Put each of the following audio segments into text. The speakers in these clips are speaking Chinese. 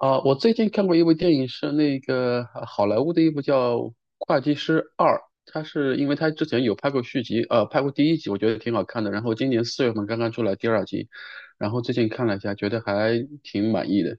啊，我最近看过一部电影，是那个好莱坞的一部叫《会计师二》，它是因为它之前有拍过续集，拍过第一集，我觉得挺好看的。然后今年4月份刚刚出来第二集，然后最近看了一下，觉得还挺满意的。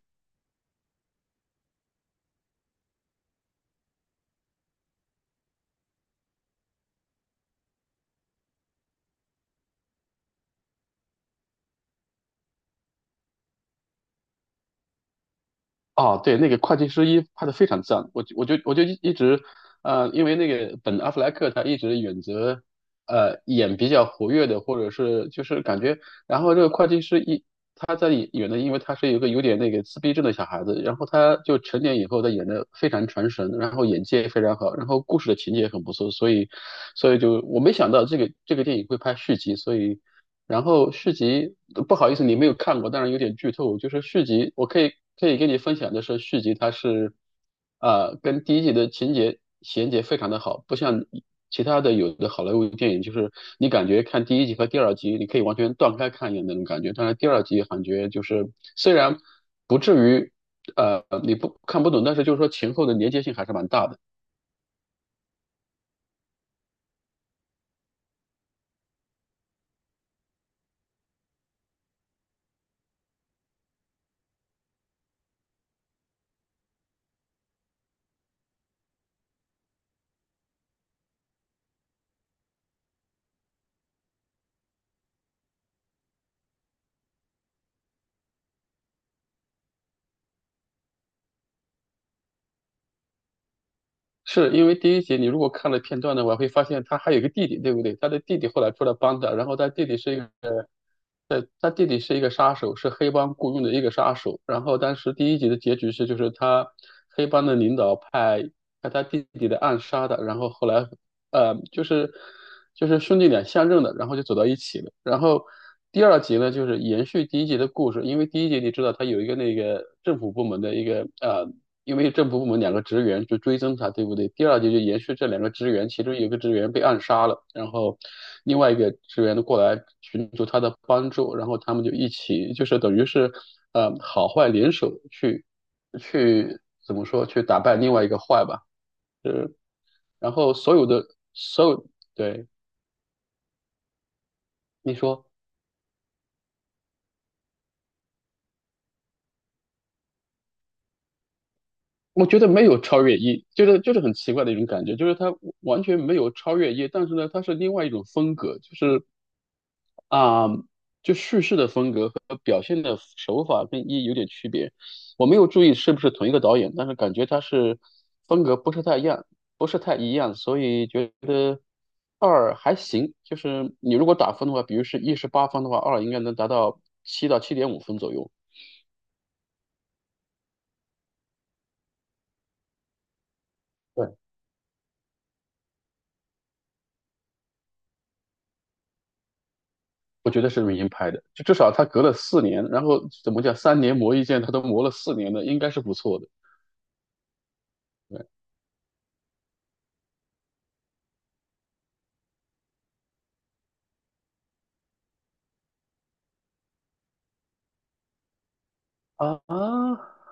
哦，对，那个会计师一拍的非常赞，我就一直，因为那个本阿弗莱克他一直选择，演比较活跃的，或者是就是感觉，然后这个会计师一他在里演的，因为他是一个有点那个自闭症的小孩子，然后他就成年以后他演的非常传神，然后演技也非常好，然后故事的情节也很不错，所以就我没想到这个电影会拍续集，所以。然后续集，不好意思，你没有看过，当然有点剧透。就是续集，我可以跟你分享的是，续集它是，跟第一集的情节衔接非常的好，不像其他的有的好莱坞电影，就是你感觉看第一集和第二集，你可以完全断开看一样的那种感觉。但是第二集感觉就是虽然不至于，你不看不懂，但是就是说前后的连接性还是蛮大的。是因为第一集你如果看了片段的话，我会发现他还有一个弟弟，对不对？他的弟弟后来出来帮他，然后他弟弟是一个。对，他弟弟是一个杀手，是黑帮雇佣的一个杀手。然后当时第一集的结局是，就是他黑帮的领导派他弟弟的暗杀的。然后后来，呃，就是就是兄弟俩相认的，然后就走到一起了。然后第二集呢，就是延续第一集的故事，因为第一集你知道他有一个那个政府部门的一个因为政府部门两个职员就追踪他，对不对？第二节就延续这两个职员，其中有一个职员被暗杀了，然后另外一个职员过来寻求他的帮助，然后他们就一起，就是等于是，好坏联手去怎么说，去打败另外一个坏吧。是。然后所有，对。你说，我觉得没有超越一，就是很奇怪的一种感觉，就是他完全没有超越一，但是呢，他是另外一种风格，就是啊，就叙事的风格和表现的手法跟一有点区别。我没有注意是不是同一个导演，但是感觉他是风格不是太一样，不是太一样，所以觉得二还行。就是你如果打分的话，比如是一十八分的话，二应该能达到7到7.5分左右。对，我觉得是明星拍的，就至少他隔了四年，然后怎么讲，三年磨一剑，他都磨了四年了，应该是不错的。啊，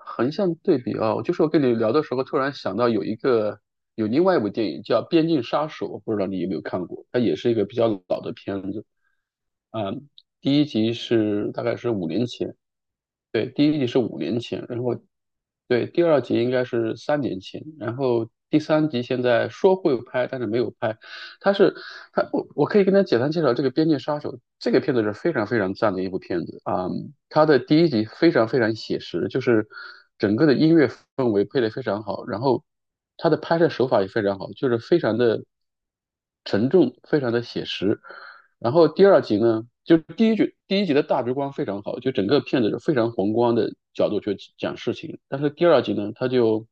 横向对比啊，就是我跟你聊的时候，突然想到有另外一部电影叫《边境杀手》，不知道你有没有看过？它也是一个比较老的片子啊，第一集是大概是五年前，对，第一集是五年前，然后对，第二集应该是3年前，然后第三集现在说会拍，但是没有拍。他是他，我可以跟他简单介绍这个《边界杀手》。这个片子是非常非常赞的一部片子啊，它的第一集非常非常写实，就是整个的音乐氛围配得非常好，然后它的拍摄手法也非常好，就是非常的沉重，非常的写实。然后第二集呢，就第一集的大局观非常好，就整个片子是非常宏观的角度去讲事情。但是第二集呢，他就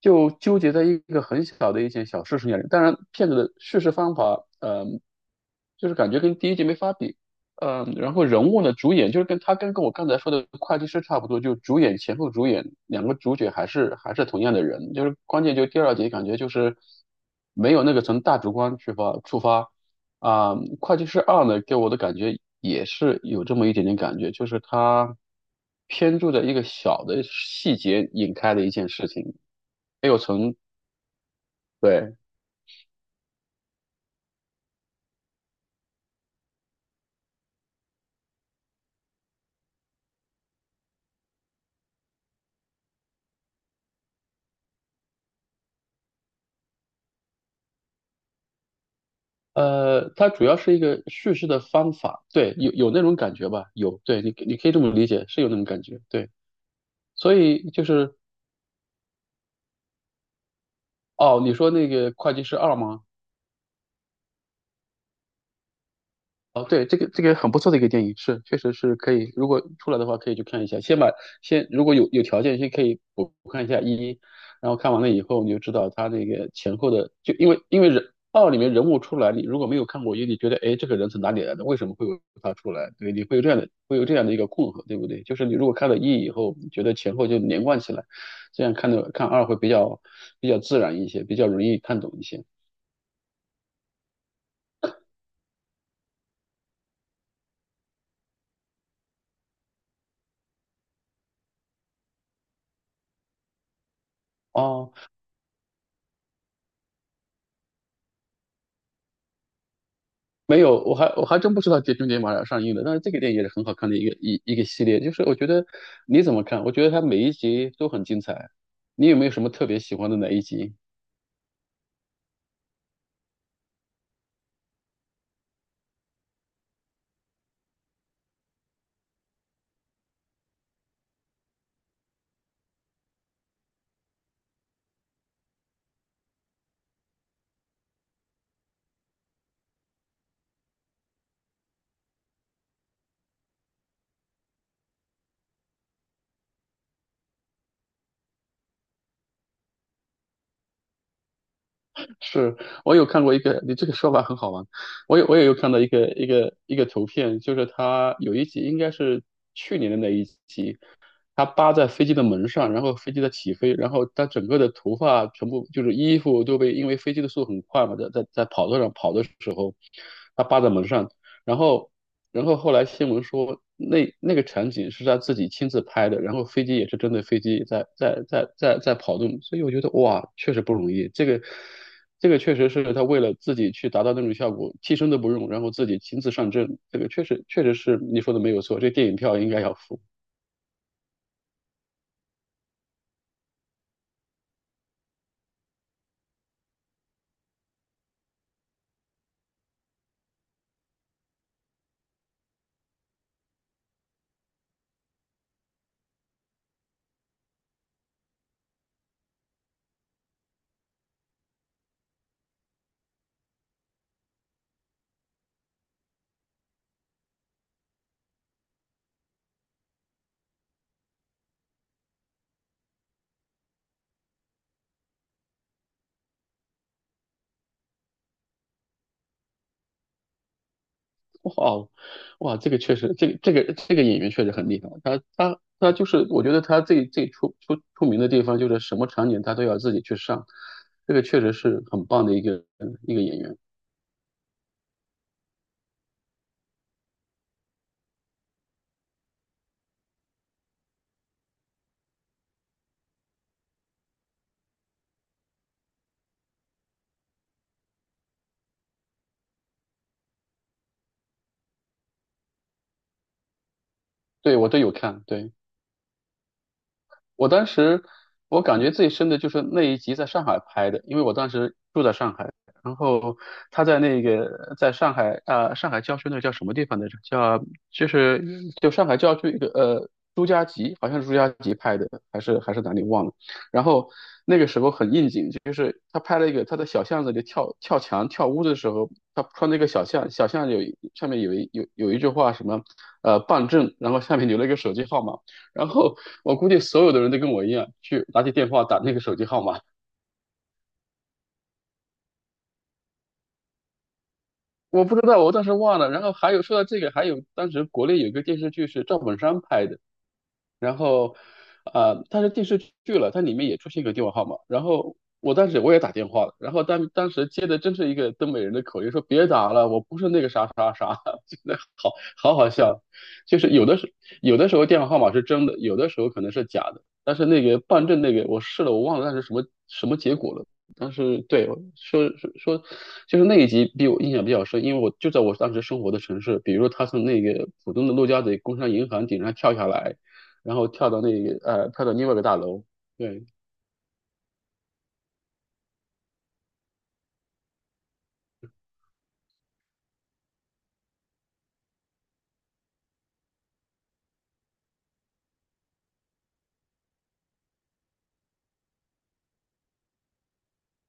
就纠结在一个很小的一件小事情上。当然，片子的叙事方法，就是感觉跟第一集没法比。然后人物呢，主演就是跟他跟跟我刚才说的会计师差不多，就主演前后主演两个主角还是同样的人，就是关键就第二集感觉就是没有那个从大局观出发，啊，会计师二呢，给我的感觉也是有这么一点点感觉，就是它偏注的一个小的细节引开的一件事情，没有从，对，它主要是一个叙事的方法，对，有那种感觉吧，有，对你可以这么理解，是有那种感觉，对，所以就是，哦，你说那个会计师二吗？哦，对，这个这个很不错的一个电影，是确实是可以，如果出来的话可以去看一下。先如果有条件，先可以补看一下一，然后看完了以后你就知道他那个前后的，就因为人二里面人物出来，你如果没有看过一，你觉得哎这个人从哪里来的，为什么会有他出来？对，你会有这样的一个困惑，对不对？就是你如果看了一以后，你觉得前后就连贯起来，这样看的看二会比较自然一些，比较容易看懂一些。哦，没有，我还真不知道《碟中谍》马上要上映了，但是这个电影也是很好看的一个系列。就是我觉得你怎么看？我觉得它每一集都很精彩。你有没有什么特别喜欢的哪一集？是。我有看过一个，你这个说法很好玩。我也有看到一个图片，就是它有一集应该是去年的那一集，他扒在飞机的门上，然后飞机在起飞，然后他整个的头发全部就是衣服都被，因为飞机的速度很快嘛，在在在跑道上跑的时候，他扒在门上，然后后来新闻说那个场景是他自己亲自拍的，然后飞机也是真的飞机在跑动，所以我觉得哇，确实不容易，这个。这个确实是他为了自己去达到那种效果，替身都不用，然后自己亲自上阵，这个确实确实是你说的没有错，这电影票应该要付。哇哦，哇，这个确实，这个演员确实很厉害。他就是，我觉得他最出名的地方就是什么场景他都要自己去上，这个确实是很棒的一个演员。对，我都有看，对。我当时我感觉最深的就是那一集在上海拍的，因为我当时住在上海，然后他在那个在上海啊，上海郊区那叫什么地方来着？叫就是上海郊区一个朱家集，好像是朱家集拍的，还是还是哪里忘了。然后那个时候很应景，就是他拍了一个他在小巷子里跳跳墙跳屋的时候，他穿那个小巷，小巷上面有一句话什么办证，然后下面留了一个手机号码。然后我估计所有的人都跟我一样，去拿起电话打那个手机号码。我不知道，我当时忘了。然后还有说到这个，还有当时国内有一个电视剧是赵本山拍的，然后，它是电视剧了，它里面也出现一个电话号码。然后我当时我也打电话了，然后当时接的真是一个东北人的口音，说别打了，我不是那个啥啥啥，真的好好好笑。就是有的时候电话号码是真的，有的时候可能是假的。但是那个办证那个我试了，我忘了那是什么什么结果了。但是对我说，就是那一集比我印象比较深，因为我就在我当时生活的城市，比如说他从那个浦东的陆家嘴工商银行顶上跳下来，然后跳到另外一个大楼，对，